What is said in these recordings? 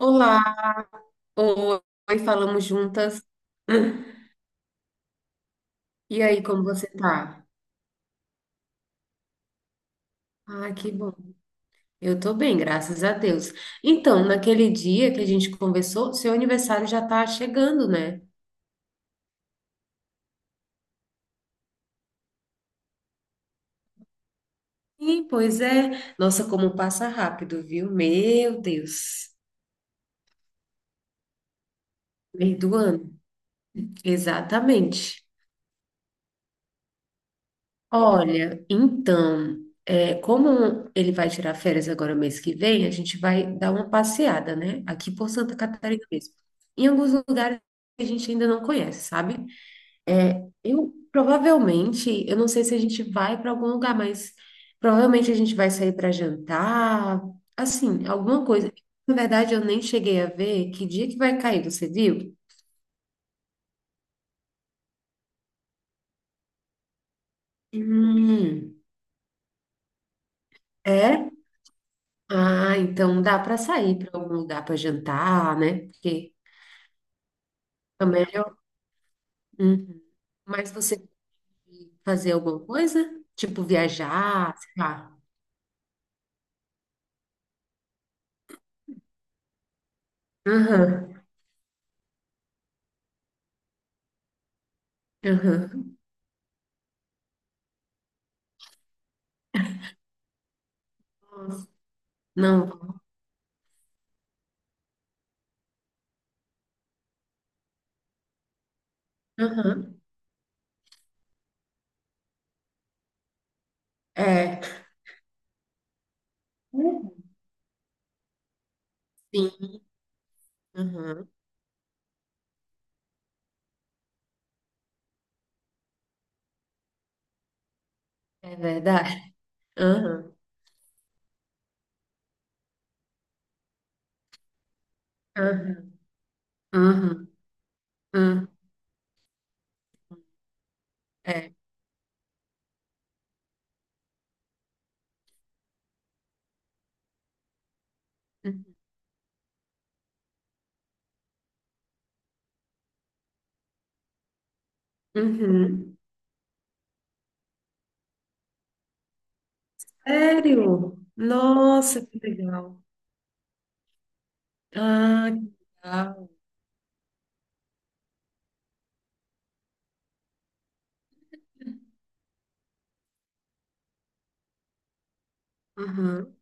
Olá, oi, falamos juntas. E aí, como você tá? Ah, que bom. Eu tô bem, graças a Deus. Então, naquele dia que a gente conversou, seu aniversário já tá chegando, né? Sim, pois é. Nossa, como passa rápido, viu? Meu Deus. Meio do ano. Exatamente. Olha, então, como ele vai tirar férias agora mês que vem, a gente vai dar uma passeada, né? Aqui por Santa Catarina mesmo. Em alguns lugares que a gente ainda não conhece, sabe? É, eu provavelmente, eu não sei se a gente vai para algum lugar, mas provavelmente a gente vai sair para jantar, assim, alguma coisa. Na verdade, eu nem cheguei a ver que dia que vai cair, você viu? Hum, é? Ah, então dá para sair para algum lugar para jantar, né? Porque também é. Melhor. Uhum. Mas você quer fazer alguma coisa? Tipo viajar, sei lá. Aham, aham. Nossa. Não, aham. É. Uhum. Sim, aham. É verdade. Aham, aham, aham, aham. É. Uhum. Uhum. Sério? Nossa, que legal. Ah, que legal. Aham.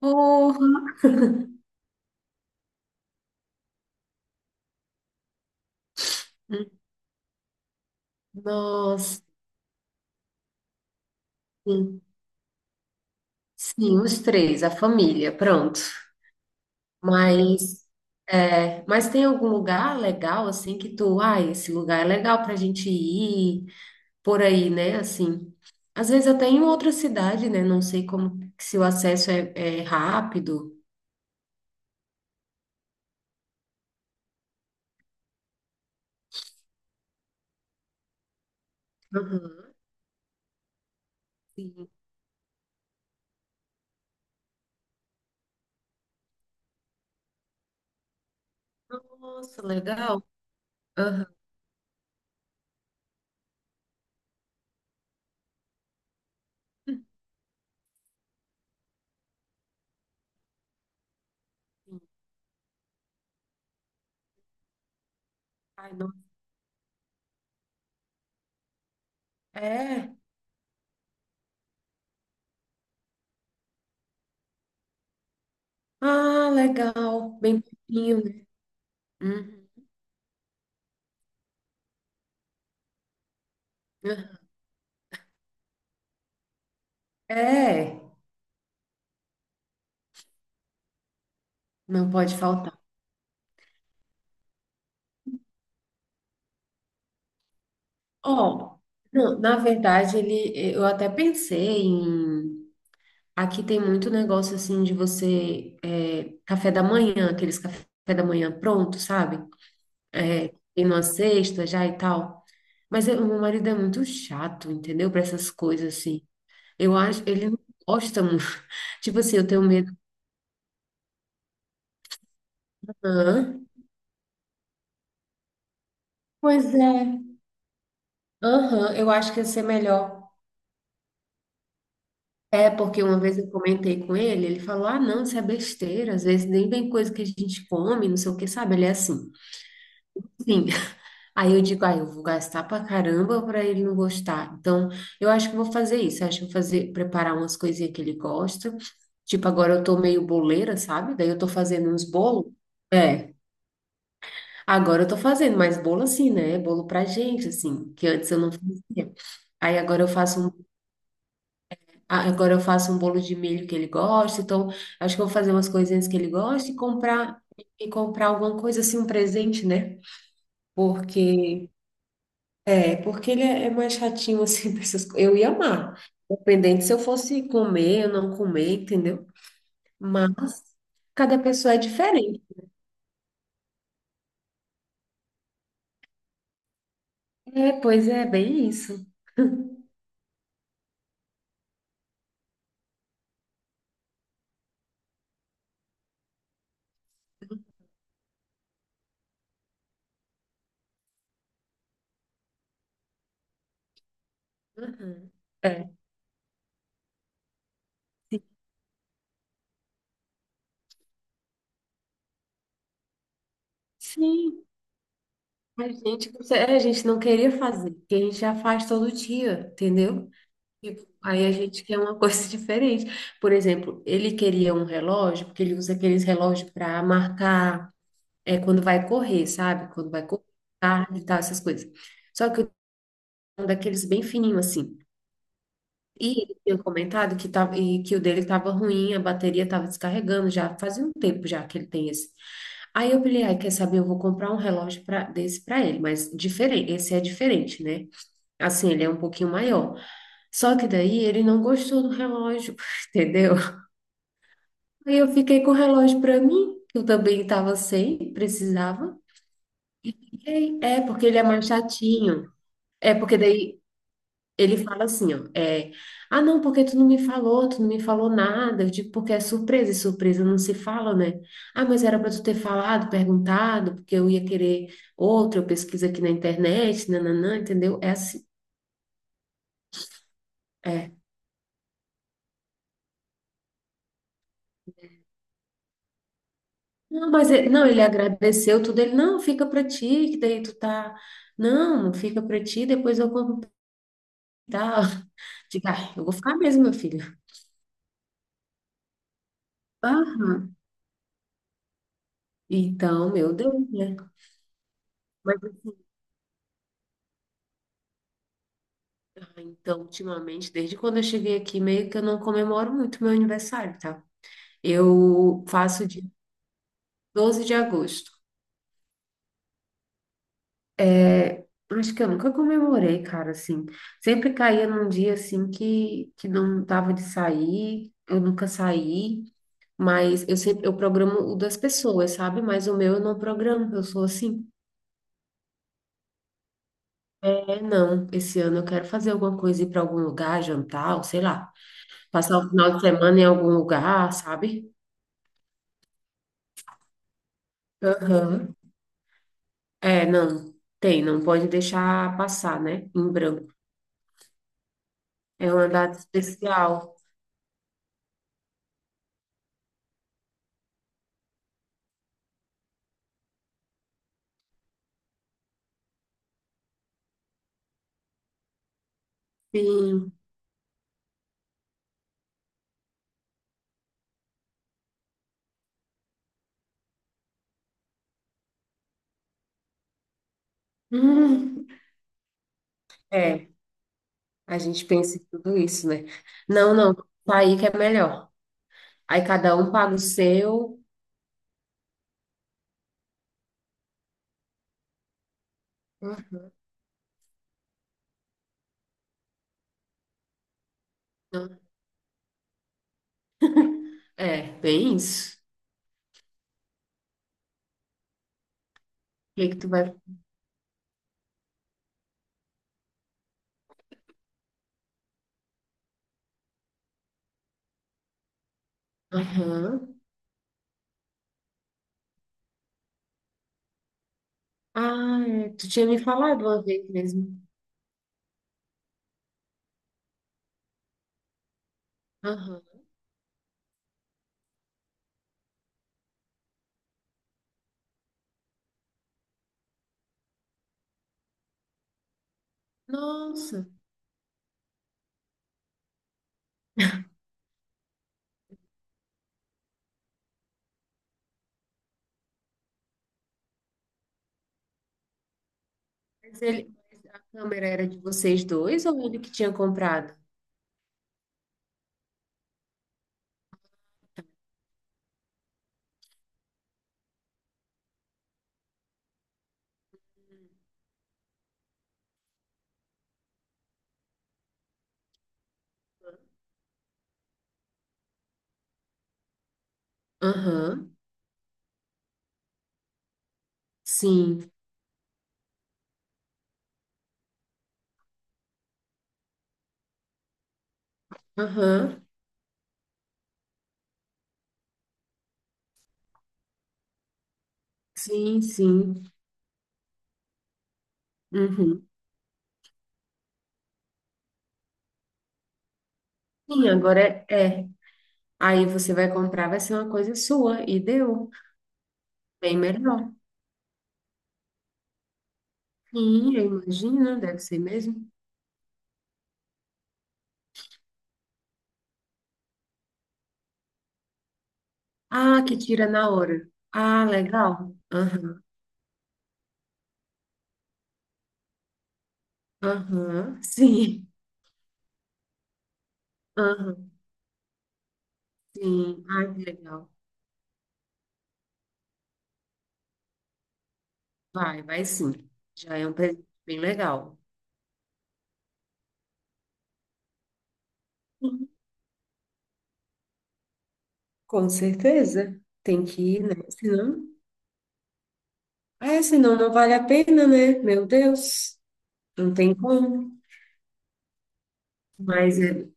Porra. Nossa. Sim, os três, a família, pronto. Mas, é, mas tem algum lugar legal, assim, que tu, ah, esse lugar é legal pra gente ir, por aí, né, assim. Às vezes até em outra cidade, né, não sei como, se o acesso é, é rápido. Aham, sim. Nossa, legal. Aham. Sim. Ai, não. É. Ah, legal. Bem pouquinho, né? Uhum. É. Não pode faltar. Ó, não, na verdade, ele, eu até pensei em. Aqui tem muito negócio assim de você. É, café da manhã, aqueles café da manhã pronto, sabe? É, tem uma cesta já e tal. Mas meu marido é muito chato, entendeu? Para essas coisas assim. Eu acho. Ele não gosta muito. Tipo assim, eu tenho medo. Aham. Pois é. Aham, eu acho que ia ser melhor. É, porque uma vez eu comentei com ele, ele falou: ah, não, isso é besteira, às vezes nem vem coisa que a gente come, não sei o que, sabe? Ele é assim. Sim. Aí eu digo: ah, eu vou gastar pra caramba pra ele não gostar. Então, eu acho que eu vou fazer, preparar umas coisinhas que ele gosta. Tipo, agora eu tô meio boleira, sabe? Daí eu tô fazendo uns bolos. É, agora eu tô fazendo, mais bolo assim, né? Bolo pra gente, assim, que antes eu não fazia. Aí agora eu faço um Ah, agora eu faço um bolo de milho que ele gosta, então acho que eu vou fazer umas coisinhas que ele gosta e comprar alguma coisa assim, um presente, né? Porque é, porque ele é mais chatinho assim pra essas coisas. Eu ia amar, dependente se eu fosse comer ou não comer, entendeu? Mas cada pessoa é diferente. É, pois é, bem isso. Uhum. É. Sim, a gente não queria fazer, porque a gente já faz todo dia, entendeu? Tipo, aí a gente quer uma coisa diferente. Por exemplo, ele queria um relógio, porque ele usa aqueles relógios para marcar é, quando vai correr, sabe? Quando vai correr, tarde e tal, essas coisas. Só que o um daqueles bem fininho assim. E ele tinha comentado que, tava, e que o dele estava ruim, a bateria estava descarregando já, fazia um tempo já que ele tem esse. Aí eu falei, ai, quer saber? Eu vou comprar um relógio pra, desse para ele, mas diferente, esse é diferente, né? Assim, ele é um pouquinho maior. Só que daí ele não gostou do relógio, entendeu? Aí eu fiquei com o relógio para mim, que eu também estava sem, precisava. E fiquei, é, porque ele é mais chatinho. É, porque daí ele fala assim, ó, é, ah, não, porque tu não me falou nada. Eu digo, porque é surpresa, e surpresa não se fala, né? Ah, mas era para tu ter falado, perguntado, porque eu ia querer outro, eu pesquiso aqui na internet, nananã, entendeu? É assim, é. Não, mas ele, não, ele agradeceu tudo. Ele, não, fica pra ti, que daí tu tá. Não, fica pra ti, depois eu compro e tal. Diga, ai, eu vou ficar mesmo, meu filho. Aham. Então, meu Deus, né? Mas assim, ah, então, ultimamente, desde quando eu cheguei aqui, meio que eu não comemoro muito meu aniversário, tá? Eu faço dia 12 de agosto. É, acho que eu nunca comemorei, cara, assim. Sempre caía num dia assim que não tava de sair, eu nunca saí. Mas eu sempre, eu programo o das pessoas, sabe? Mas o meu eu não programo, eu sou assim. É, não, esse ano eu quero fazer alguma coisa, ir para algum lugar, jantar, ou sei lá, passar o final de semana em algum lugar, sabe? Aham. É, não, tem, não pode deixar passar, né? Em branco. É uma data especial. Sim. Hum, é, a gente pensa em tudo isso, né? Não, não, tá aí que é melhor. Aí cada um paga o seu. Hum, não. É, bem isso. O que que tu vai Aham. Ah, é, tu tinha me falado uma vez mesmo. Aham. Nossa, mas ele, mas a câmera era de vocês dois ou ele que tinha comprado? Aham. Sim. Aham. Sim, sim. Uhum. Sim, agora é, é. Aí você vai comprar, vai ser uma coisa sua e deu. Bem melhor. Sim, eu imagino, deve ser mesmo. Ah, que tira na hora. Ah, legal. Aham. Aham. Sim. Aham. Sim. Ai, que legal. Vai, vai sim. Já é um presente bem legal. Com certeza. Tem que ir, né? Senão, é, senão não vale a pena, né? Meu Deus, não tem como. Mas é,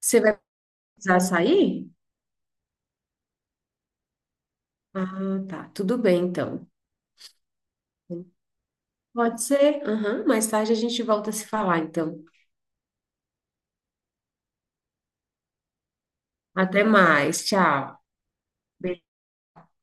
você vai precisar sair? Ah, tá. Tudo bem, então. Pode ser. Aham, mais tarde a gente volta a se falar, então. Até mais. Tchau.